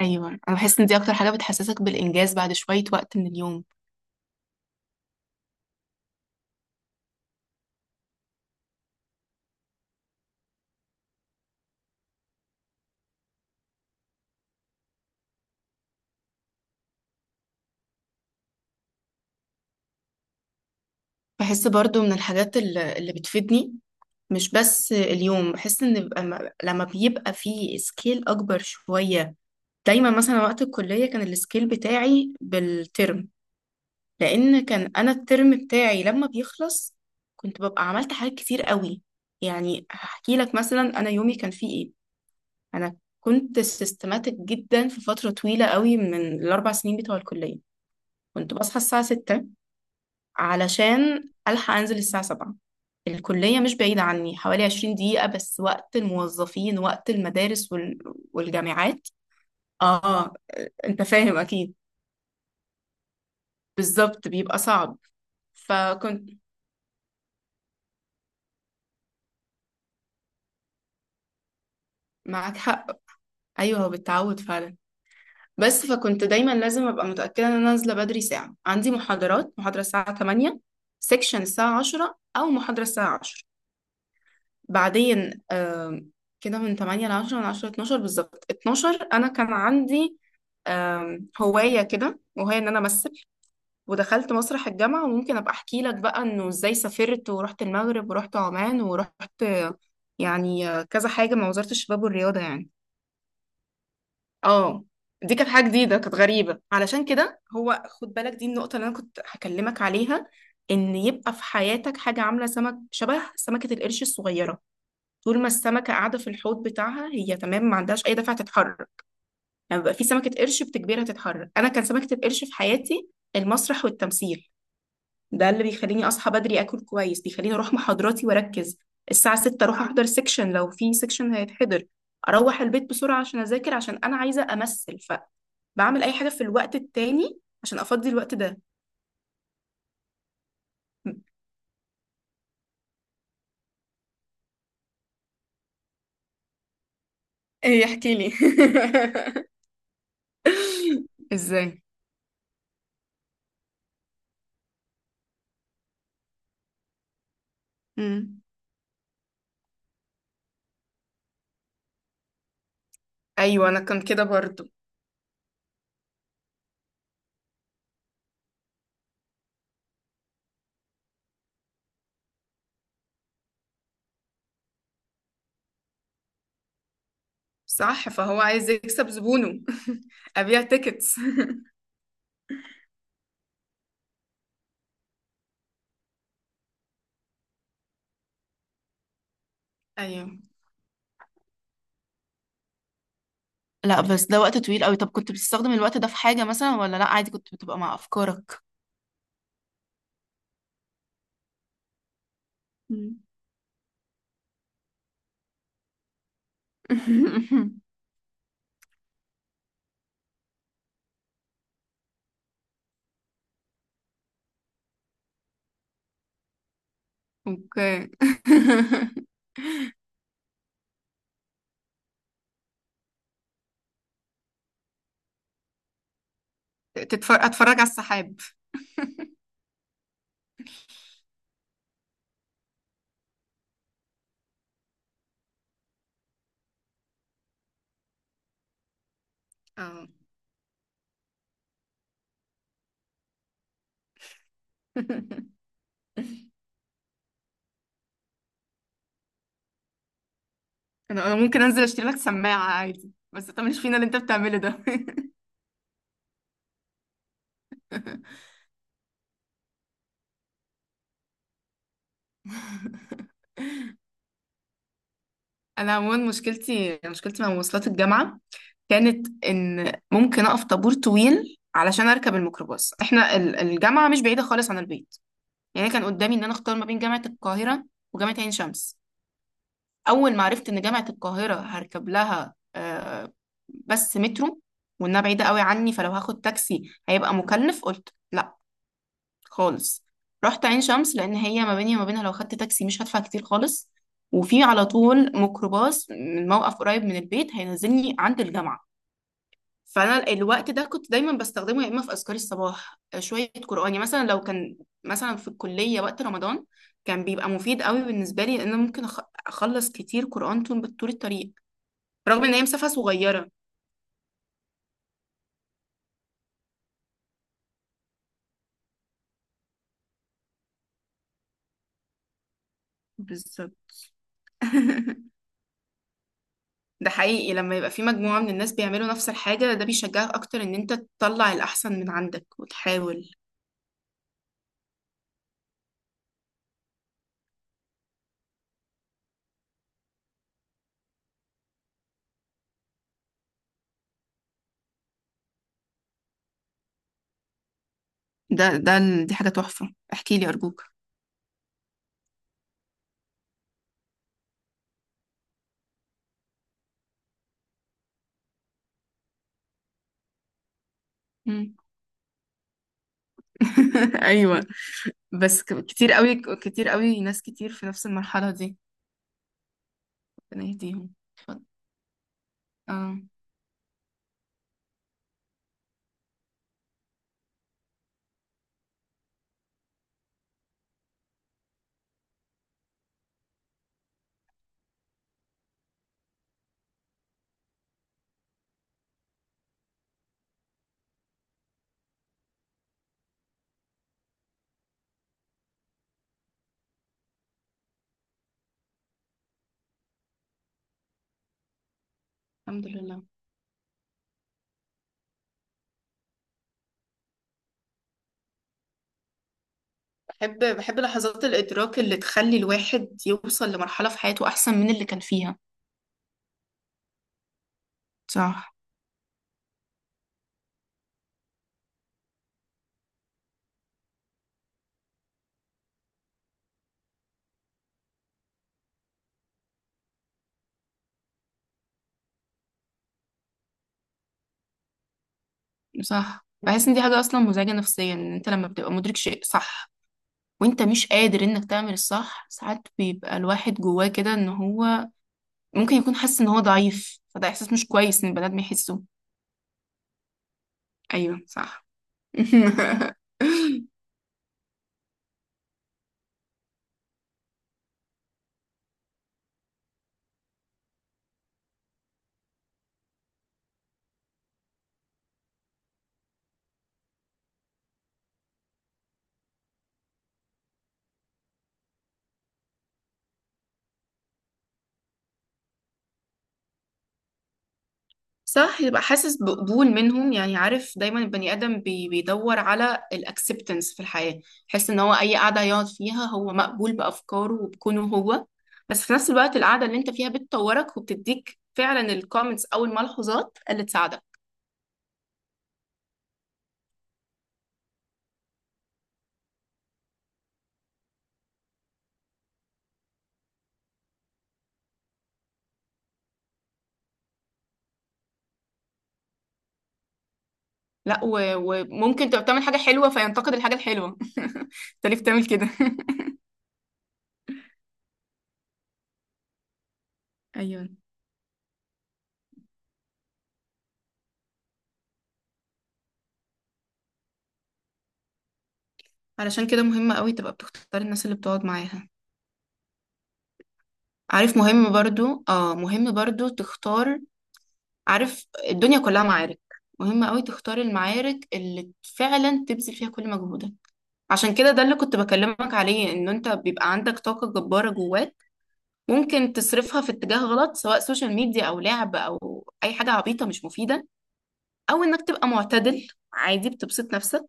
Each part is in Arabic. ايوه، انا بحس ان دي اكتر حاجه بتحسسك بالانجاز بعد شويه وقت من اليوم. بحس برضو من الحاجات اللي بتفيدني. مش بس اليوم بحس ان لما بيبقى في سكيل اكبر شويه. دايما مثلا وقت الكليه كان السكيل بتاعي بالترم، لان كان انا الترم بتاعي لما بيخلص كنت ببقى عملت حاجات كتير قوي. يعني هحكي لك مثلا انا يومي كان فيه ايه. انا كنت سيستماتيك جدا في فتره طويله قوي من 4 سنين بتوع الكليه. كنت بصحى الساعه 6 علشان ألحق أنزل الساعة 7. الكلية مش بعيدة عني، حوالي 20 دقيقة، بس وقت الموظفين وقت المدارس والجامعات. آه، أنت فاهم أكيد. بالظبط بيبقى صعب. فكنت معاك حق. أيوه، هو بالتعود فعلا. بس فكنت دايما لازم أبقى متأكدة إن أنا نازلة بدري، ساعة عندي محاضرة الساعة 8، سيكشن الساعة 10 أو محاضرة الساعة 10. بعدين كده من 8 ل 10، من 10 ل 12، بالظبط 12 انا كان عندي هواية كده، وهي ان انا امثل. ودخلت مسرح الجامعة، وممكن ابقى احكي لك بقى انه ازاي سافرت ورحت المغرب ورحت عمان ورحت، يعني كذا حاجة مع وزارة الشباب والرياضة يعني. اه، دي كانت حاجة جديدة، كانت غريبة. علشان كده هو، خد بالك، دي النقطة اللي انا كنت هكلمك عليها. ان يبقى في حياتك حاجة عاملة سمك شبه سمكة القرش الصغيرة. طول ما السمكة قاعدة في الحوض بتاعها هي تمام، ما عندهاش أي دفعة تتحرك. لما بيبقى في سمكة قرش بتجبرها تتحرك. أنا كان سمكة القرش في حياتي المسرح والتمثيل. ده اللي بيخليني أصحى بدري، أكل كويس، بيخليني أروح محاضراتي وأركز. الساعة 6 أروح أحضر سيكشن لو في سيكشن هيتحضر. أروح البيت بسرعة عشان أذاكر، عشان أنا عايزة أمثل. فبعمل أي حاجة في الوقت التاني عشان أفضي الوقت ده. ايه، احكي لي. ازاي. مم. ايوه، انا كان كده برضو. صح، فهو عايز يكسب زبونه. أبيع تيكتس. أيوه. لا، بس ده وقت طويل قوي. طب كنت بتستخدم الوقت ده في حاجة مثلا، ولا لا، عادي كنت بتبقى مع أفكارك. مم. أوكي. أتفرج على السحاب. اه. أنا ممكن أنزل أشتري لك سماعة عادي، بس انت مش فينا اللي أنت بتعمله ده. أنا عموما مشكلتي مشكلتي مع مواصلات الجامعة كانت ان ممكن اقف طابور طويل علشان اركب الميكروباص. احنا الجامعه مش بعيده خالص عن البيت، يعني كان قدامي ان انا اختار ما بين جامعه القاهره وجامعه عين شمس. اول ما عرفت ان جامعه القاهره هركب لها بس مترو، وانها بعيده قوي عني، فلو هاخد تاكسي هيبقى مكلف، قلت لا خالص. رحت عين شمس لان هي ما بيني وما بينها لو خدت تاكسي مش هدفع كتير خالص، وفي على طول ميكروباص من موقف قريب من البيت هينزلني عند الجامعه. فانا الوقت ده كنت دايما بستخدمه، يا اما في اذكار الصباح، شويه قران. يعني مثلا لو كان مثلا في الكليه وقت رمضان، كان بيبقى مفيد قوي بالنسبه لي، لان أنا ممكن اخلص كتير قران طول طول الطريق، رغم ان هي مسافه صغيره. بالظبط. ده حقيقي، لما يبقى في مجموعه من الناس بيعملوا نفس الحاجه ده بيشجعك اكتر ان انت تطلع الاحسن من عندك وتحاول. دي حاجه تحفه، احكي لي ارجوك. مم. ايوه. بس كتير قوي كتير قوي ناس كتير في نفس المرحله دي. ربنا يهديهم. اتفضل. اه. الحمد لله. بحب بحب لحظات الإدراك اللي تخلي الواحد يوصل لمرحلة في حياته أحسن من اللي كان فيها. صح. صح، بحس إن دي حاجة أصلا مزعجة نفسيا، إن أنت لما بتبقى مدرك شيء صح وأنت مش قادر إنك تعمل الصح، ساعات بيبقى الواحد جواه كده إن هو ممكن يكون حاسس إن هو ضعيف، فده إحساس مش كويس إن البني آدم يحسه. أيوه صح. صح، يبقى حاسس بقبول منهم. يعني عارف دايما البني ادم بيدور على الاكسبتنس في الحياه، يحس ان هو اي قعده يقعد فيها هو مقبول بافكاره وبكونه هو. بس في نفس الوقت القعده اللي انت فيها بتطورك وبتديك فعلا الكومنتس او الملحوظات اللي تساعدك. لا، وممكن تبقى بتعمل حاجه حلوه فينتقد الحاجه الحلوه. انت ليه بتعمل كده؟ ايوه. علشان كده مهم قوي تبقى بتختار الناس اللي بتقعد معاها. عارف، مهم برضو، اه، مهم برضو تختار. عارف الدنيا كلها معارك، مهم قوي تختار المعارك اللي فعلا تبذل فيها كل مجهودك. عشان كده ده اللي كنت بكلمك عليه، ان انت بيبقى عندك طاقة جبارة جواك، ممكن تصرفها في اتجاه غلط سواء سوشيال ميديا او لعب او اي حاجة عبيطة مش مفيدة، او انك تبقى معتدل، عادي بتبسط نفسك،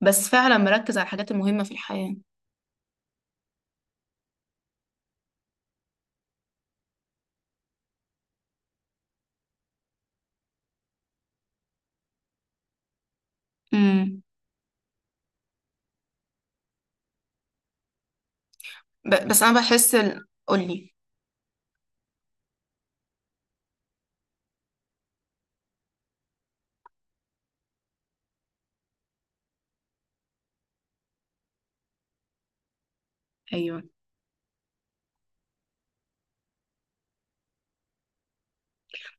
بس فعلا مركز على الحاجات المهمة في الحياة. امم بس انا بحس قولي. ايوه.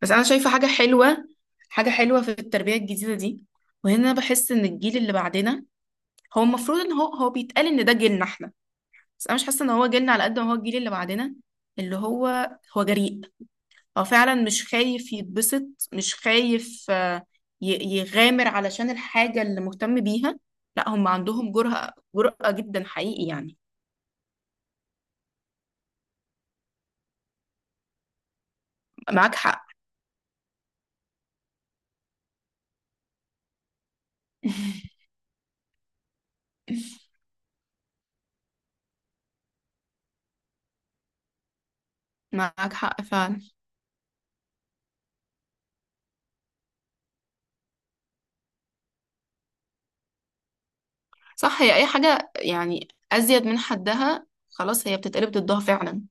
بس انا شايفة حاجة حلوة، حاجة حلوة في التربية الجديدة دي. وهنا بحس ان الجيل اللي بعدنا، هو المفروض ان هو بيتقال ان ده جيلنا احنا، بس انا مش حاسه ان هو جيلنا على قد ما هو الجيل اللي بعدنا. اللي هو هو جريء، هو فعلا مش خايف يتبسط، مش خايف، يغامر علشان الحاجه اللي مهتم بيها. لا، هم عندهم جرأة جرأة جدا حقيقي يعني. معاك حق. معاك حق فعلا. صح، هي اي حاجه يعني ازيد من حدها خلاص، هي بتتقلب ضدها فعلا.